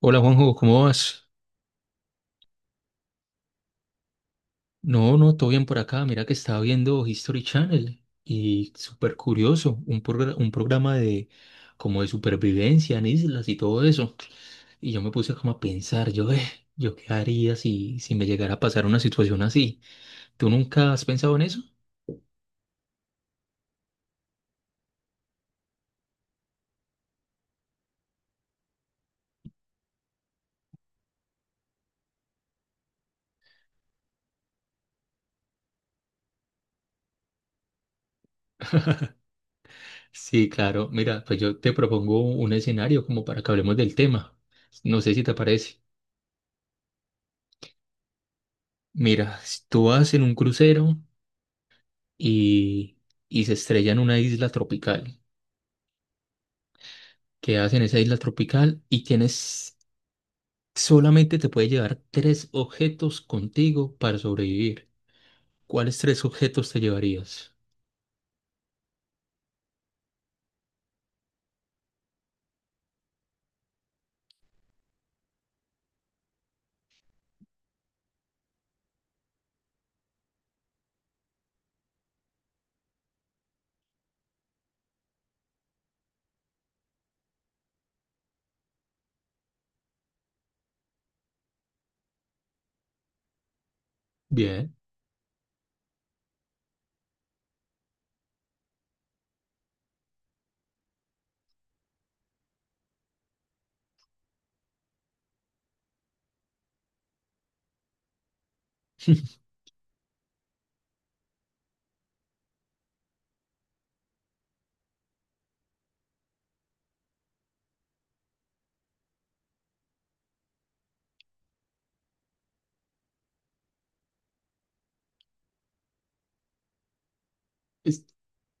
Hola Juanjo, ¿cómo vas? No, no, todo bien por acá. Mira que estaba viendo History Channel y súper curioso, un programa de como de supervivencia en islas y todo eso. Y yo me puse como a pensar, yo qué haría si me llegara a pasar una situación así. ¿Tú nunca has pensado en eso? Sí, claro. Mira, pues yo te propongo un escenario como para que hablemos del tema. No sé si te parece. Mira, tú vas en un crucero y, y se estrella en una isla tropical. Quedas en esa isla tropical y solamente te puedes llevar tres objetos contigo para sobrevivir. ¿Cuáles tres objetos te llevarías? Bien. Es-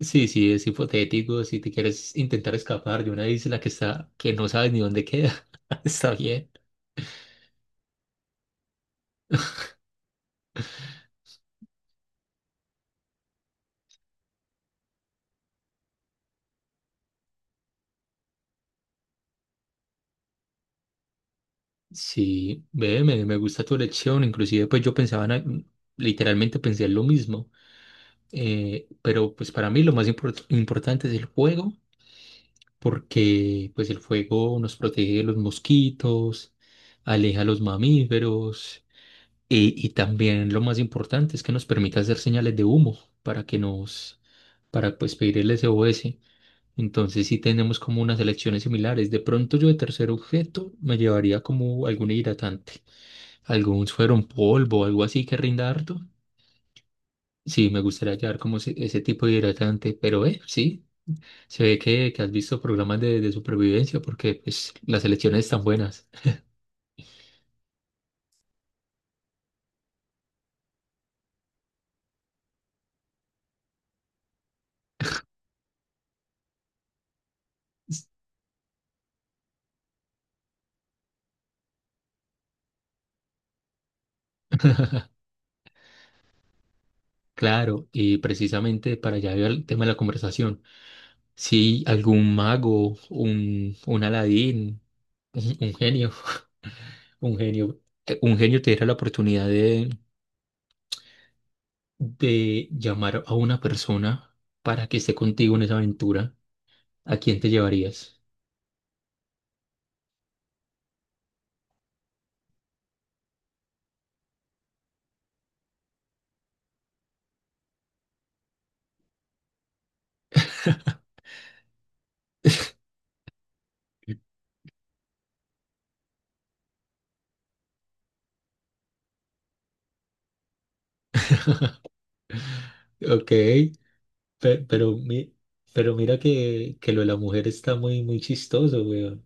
Sí, sí, es hipotético. Si te quieres intentar escapar de una isla que no sabes ni dónde queda, está bien. Sí, ve, me gusta tu elección. Inclusive, pues yo literalmente pensé en lo mismo. Pero pues para mí lo más importante es el juego, porque pues el fuego nos protege de los mosquitos, aleja a los mamíferos y también lo más importante es que nos permite hacer señales de humo para que para pues pedir el SOS. Entonces sí tenemos como unas elecciones similares. De pronto yo de tercer objeto me llevaría como algún hidratante, algún suero en polvo, algo así que rinda harto. Sí, me gustaría llevar como ese tipo de hidratante, pero sí. Se ve que has visto programas de supervivencia porque pues, las elecciones están buenas. Claro, y precisamente para allá iba el tema de la conversación. Si algún mago, un Aladín, un genio, un genio, un genio te diera la oportunidad de llamar a una persona para que esté contigo en esa aventura, ¿a quién te llevarías? Ok, pe- pero, mi- pero mira que lo de la mujer está muy, muy chistoso, weón.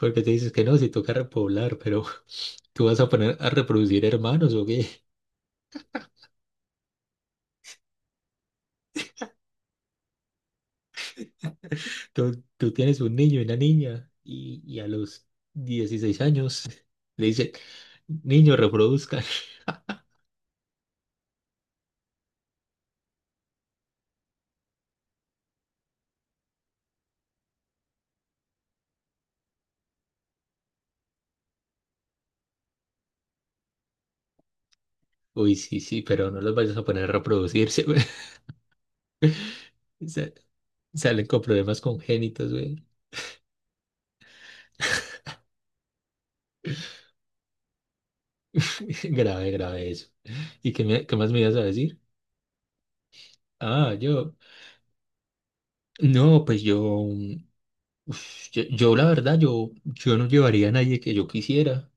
Porque te dices que no, si toca repoblar, pero tú vas a poner a reproducir hermanos o qué. Tú tienes un niño y una niña y a los 16 años le dicen, niño, reproduzcan. Uy, sí, sí, pero no los vayas a poner a reproducirse, güey. Sa- Salen con problemas congénitos, güey. Grave, grave eso. ¿Y qué más me ibas a decir? Ah, yo. No, pues yo la verdad, yo no llevaría a nadie que yo quisiera,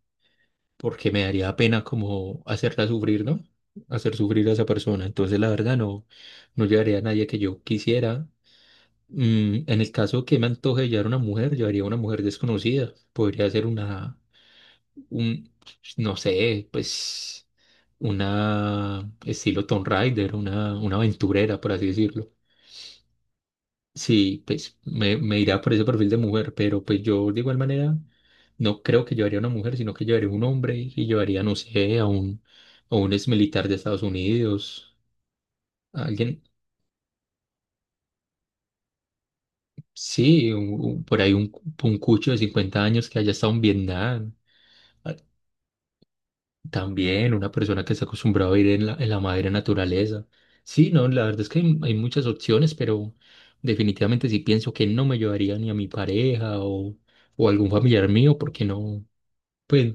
porque me daría pena como hacerla sufrir, ¿no? Hacer sufrir a esa persona. Entonces, la verdad, no, no llevaría a nadie que yo quisiera. En el caso que me antoje llevar una mujer, llevaría a una mujer desconocida. Podría ser un, no sé, pues, una estilo Tomb Raider, una aventurera, por así decirlo. Sí, pues me irá por ese perfil de mujer, pero pues yo de igual manera no creo que llevaría una mujer, sino que llevaría un hombre y llevaría, no sé, a un ex militar de Estados Unidos, a alguien, sí, por ahí un cucho de 50 años que haya estado en Vietnam, a- también una persona que está acostumbrada a ir en en la madre naturaleza. Sí, no, la verdad es que hay muchas opciones, pero definitivamente sí pienso que no me llevaría ni a mi pareja o algún familiar mío, porque no, pues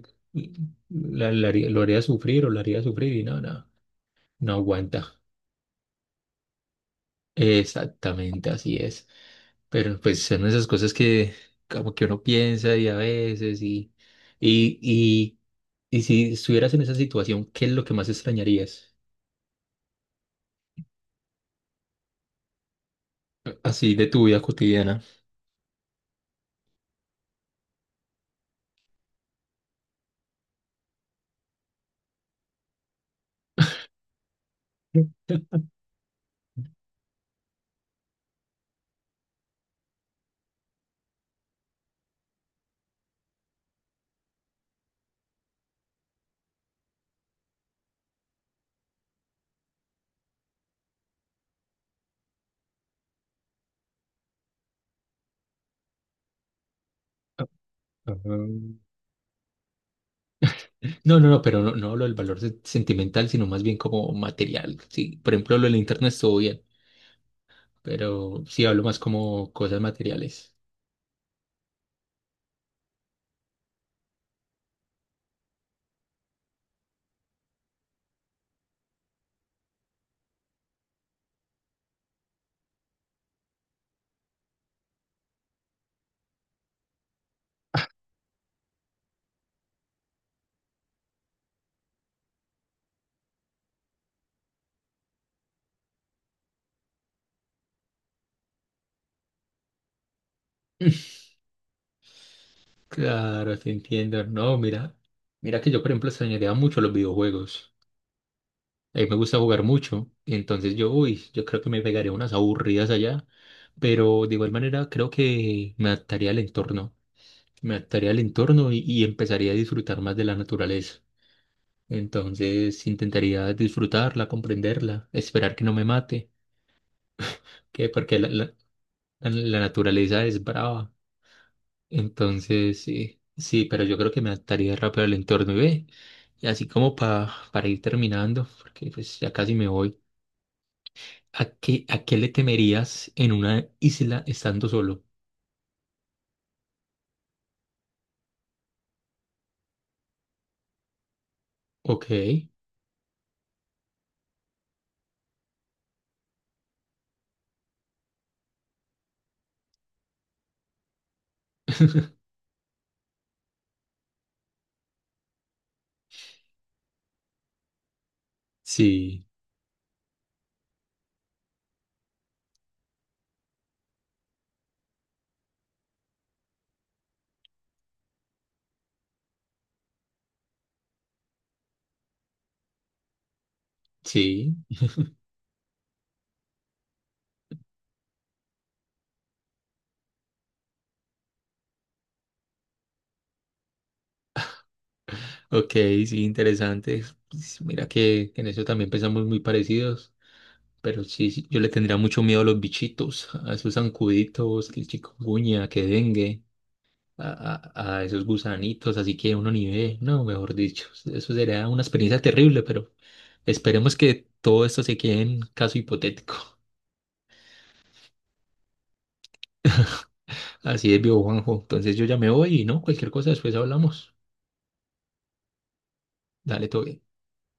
lo haría sufrir o la haría sufrir y nada, nada. No aguanta. Exactamente, así es. Pero pues son esas cosas que como que uno piensa y a veces y, y, y si estuvieras en esa situación, ¿qué es lo que más extrañarías? Así de tu vida cotidiana. Mm. Ah, ah. No, no hablo del valor sentimental, sino más bien como material. Sí, por ejemplo, lo del internet estuvo bien, pero sí hablo más como cosas materiales. Claro, te entiendo. No, mira, mira que yo, por ejemplo, extrañaría mucho los videojuegos. A mí me gusta jugar mucho. Y entonces yo creo que me pegaré unas aburridas allá. Pero de igual manera creo que me adaptaría al entorno. Me adaptaría al entorno y empezaría a disfrutar más de la naturaleza. Entonces intentaría disfrutarla, comprenderla, esperar que no me mate. Que porque la- la- la naturaleza es brava. Entonces sí, sí, pero yo creo que me adaptaría rápido al entorno y ve. Y así como para ir terminando, porque pues ya casi me voy. ¿A a qué le temerías en una isla estando solo? Ok, sí, sí, ok, sí, interesante. Pues mira que en eso también pensamos muy parecidos, pero sí, sí, yo le tendría mucho miedo a los bichitos, a esos zancuditos, que el chikungunya, que dengue, a, a esos gusanitos, así que uno ni ve, no, mejor dicho, eso sería una experiencia terrible, pero esperemos que todo esto se quede en caso hipotético. Así es, viejo Juanjo. Entonces yo ya me voy y no, cualquier cosa después hablamos. Dale, todo bien.